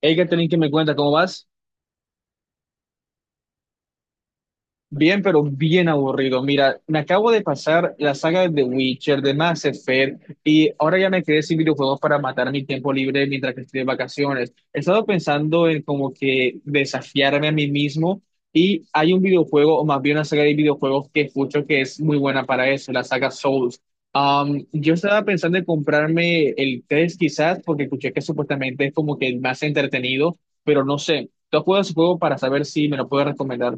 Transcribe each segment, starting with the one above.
Hey, Catherine, ¿qué me cuenta? ¿Cómo vas? Bien, pero bien aburrido. Mira, me acabo de pasar la saga de The Witcher, de Mass Effect, y ahora ya me quedé sin videojuegos para matar mi tiempo libre mientras que estoy de vacaciones. He estado pensando en como que desafiarme a mí mismo, y hay un videojuego, o más bien una saga de videojuegos que escucho que es muy buena para eso, la saga Souls. Yo estaba pensando en comprarme el 3 quizás, porque escuché que supuestamente es como que el más entretenido, pero no sé. ¿Tú has jugado ese juego para saber si me lo puedes recomendar?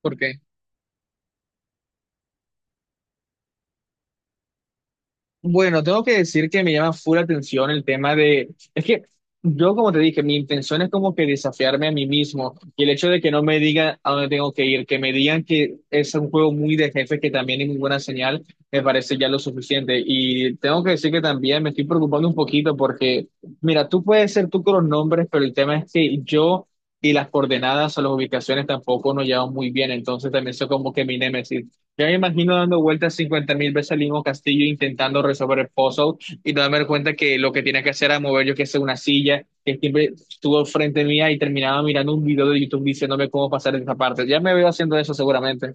¿Por qué? Bueno, tengo que decir que me llama full atención el tema de, es que yo como te dije, mi intención es como que desafiarme a mí mismo y el hecho de que no me digan a dónde tengo que ir, que me digan que es un juego muy de jefe, que también es muy buena señal, me parece ya lo suficiente. Y tengo que decir que también me estoy preocupando un poquito porque, mira, tú puedes ser tú con los nombres, pero el tema es que yo... Y las coordenadas o las ubicaciones tampoco nos llevan muy bien, entonces también soy como que mi némesis. Ya me imagino dando vueltas 50 mil veces al mismo castillo intentando resolver el puzzle y no darme cuenta que lo que tenía que hacer era mover yo que sé una silla que siempre estuvo frente mía y terminaba mirando un video de YouTube diciéndome cómo pasar esa parte. Ya me veo haciendo eso seguramente.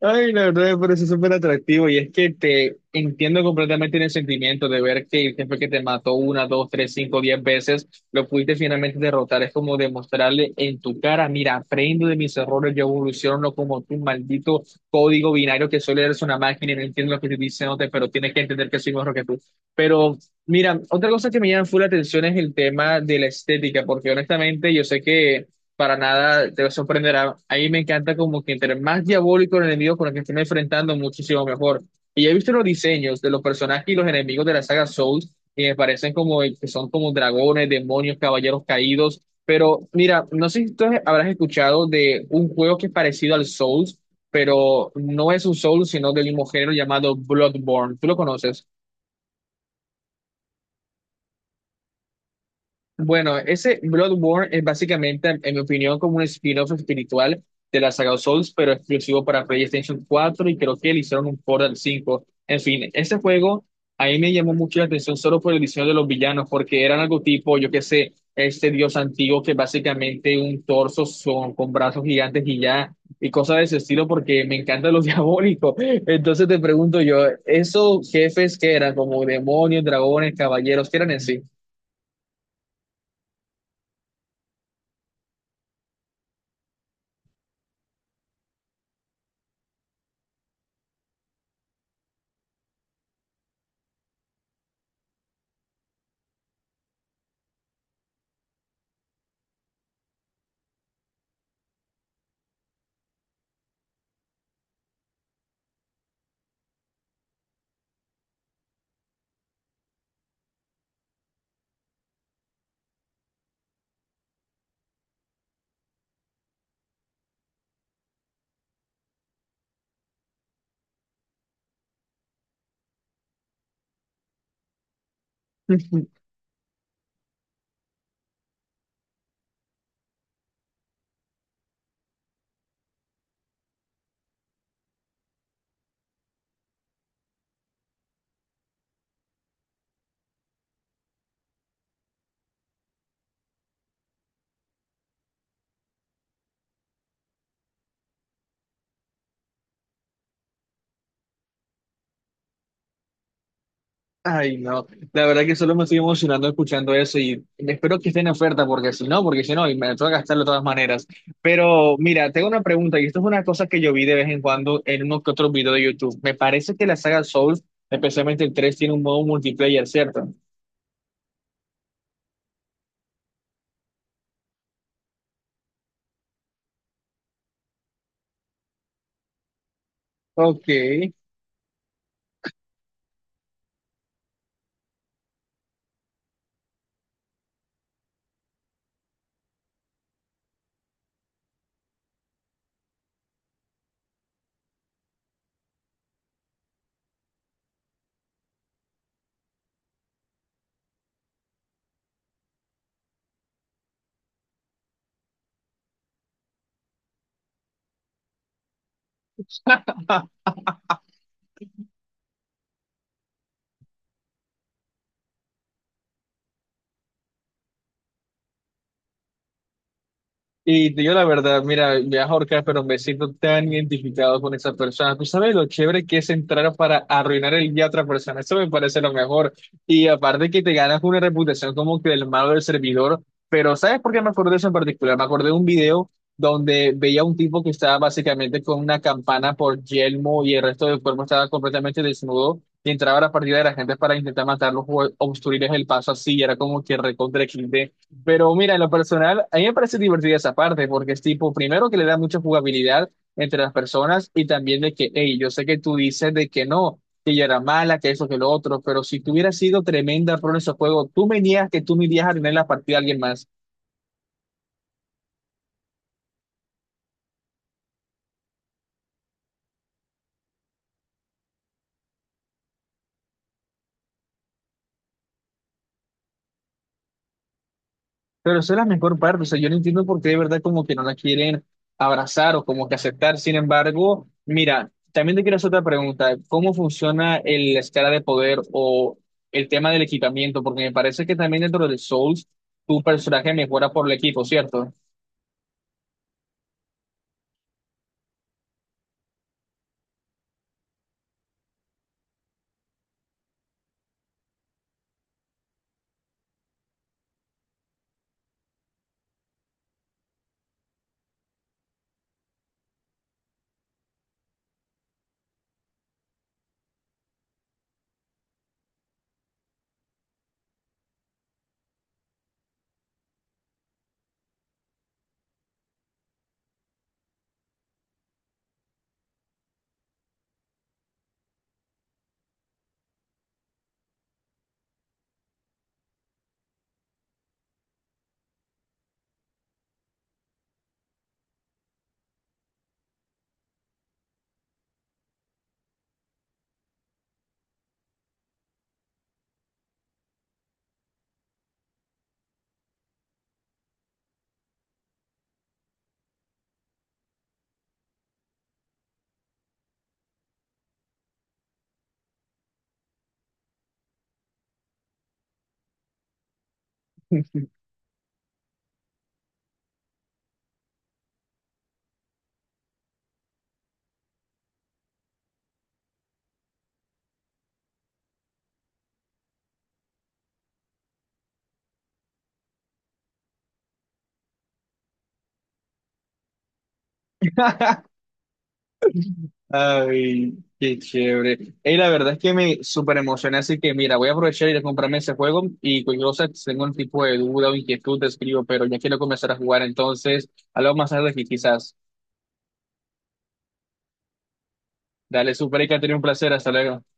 Ay, la verdad me parece súper atractivo y es que te entiendo completamente en el sentimiento de ver que el jefe que te mató una, dos, tres, cinco, diez veces, lo pudiste finalmente derrotar. Es como demostrarle en tu cara, mira, aprendo de mis errores, yo evoluciono como tu maldito código binario que solo eres una máquina y no entiendo lo que estoy diciéndote, pero tienes que entender que soy mejor que tú. Pero mira, otra cosa que me llama full la atención es el tema de la estética, porque honestamente yo sé que para nada te sorprenderá. A mí me encanta como que entre más diabólico el enemigo con el que estén enfrentando, muchísimo mejor. Y he visto los diseños de los personajes y los enemigos de la saga Souls, y me parecen como que son como dragones, demonios, caballeros caídos. Pero mira, no sé si tú habrás escuchado de un juego que es parecido al Souls, pero no es un Souls, sino del mismo género llamado Bloodborne. ¿Tú lo conoces? Bueno, ese Bloodborne es básicamente, en mi opinión, como un spin-off espiritual de la saga Souls, pero exclusivo para PlayStation 4 y creo que le hicieron un port al 5. En fin, ese juego a mí me llamó mucho la atención solo por el diseño de los villanos, porque eran algo tipo, yo qué sé, este dios antiguo que básicamente un torso son, con brazos gigantes y ya, y cosas de ese estilo, porque me encanta lo diabólico. Entonces te pregunto yo, ¿esos jefes que eran como demonios, dragones, caballeros, qué eran en sí? Ay, no. La verdad que solo me estoy emocionando escuchando eso y espero que esté en oferta porque si no, y me tengo que gastarlo de todas maneras. Pero mira, tengo una pregunta y esto es una cosa que yo vi de vez en cuando en uno que otro video de YouTube. Me parece que la saga Souls, especialmente el 3, tiene un modo multiplayer, ¿cierto? Ok. Y te digo la verdad, mira, me ahorca, pero me siento tan identificado con esa persona. Tú sabes lo chévere que es entrar para arruinar el día a otra persona. Eso me parece lo mejor. Y aparte que te ganas una reputación como que del malo del servidor. Pero ¿sabes por qué me acordé de eso en particular? Me acordé de un video donde veía a un tipo que estaba básicamente con una campana por yelmo y el resto del cuerpo estaba completamente desnudo. Y entraba a la partida de la gente para intentar matarlos o obstruirles el paso así. Y era como que recontra XD. Pero mira, en lo personal, a mí me parece divertida esa parte, porque es tipo, primero que le da mucha jugabilidad entre las personas y también de que, hey, yo sé que tú dices de que no, que ella era mala, que eso, que lo otro, pero si tú hubieras sido tremenda pro en ese juego, tú me niegas que tú me irías a tener la partida a alguien más. Pero esa es la mejor parte, o sea, yo no entiendo por qué de verdad como que no la quieren abrazar o como que aceptar. Sin embargo, mira, también te quiero hacer otra pregunta, ¿cómo funciona el- la escala de poder o el tema del equipamiento? Porque me parece que también dentro de Souls tu personaje mejora por el equipo, ¿cierto? Ay, qué chévere. Y la verdad es que me súper emocioné, así que mira, voy a aprovechar y ir a comprarme ese juego y cualquier cosa, si tengo un tipo de duda o inquietud, te escribo, pero ya quiero comenzar a jugar, entonces, hablamos más tarde que quizás. Dale, súper, y que ha tenido un placer, hasta luego.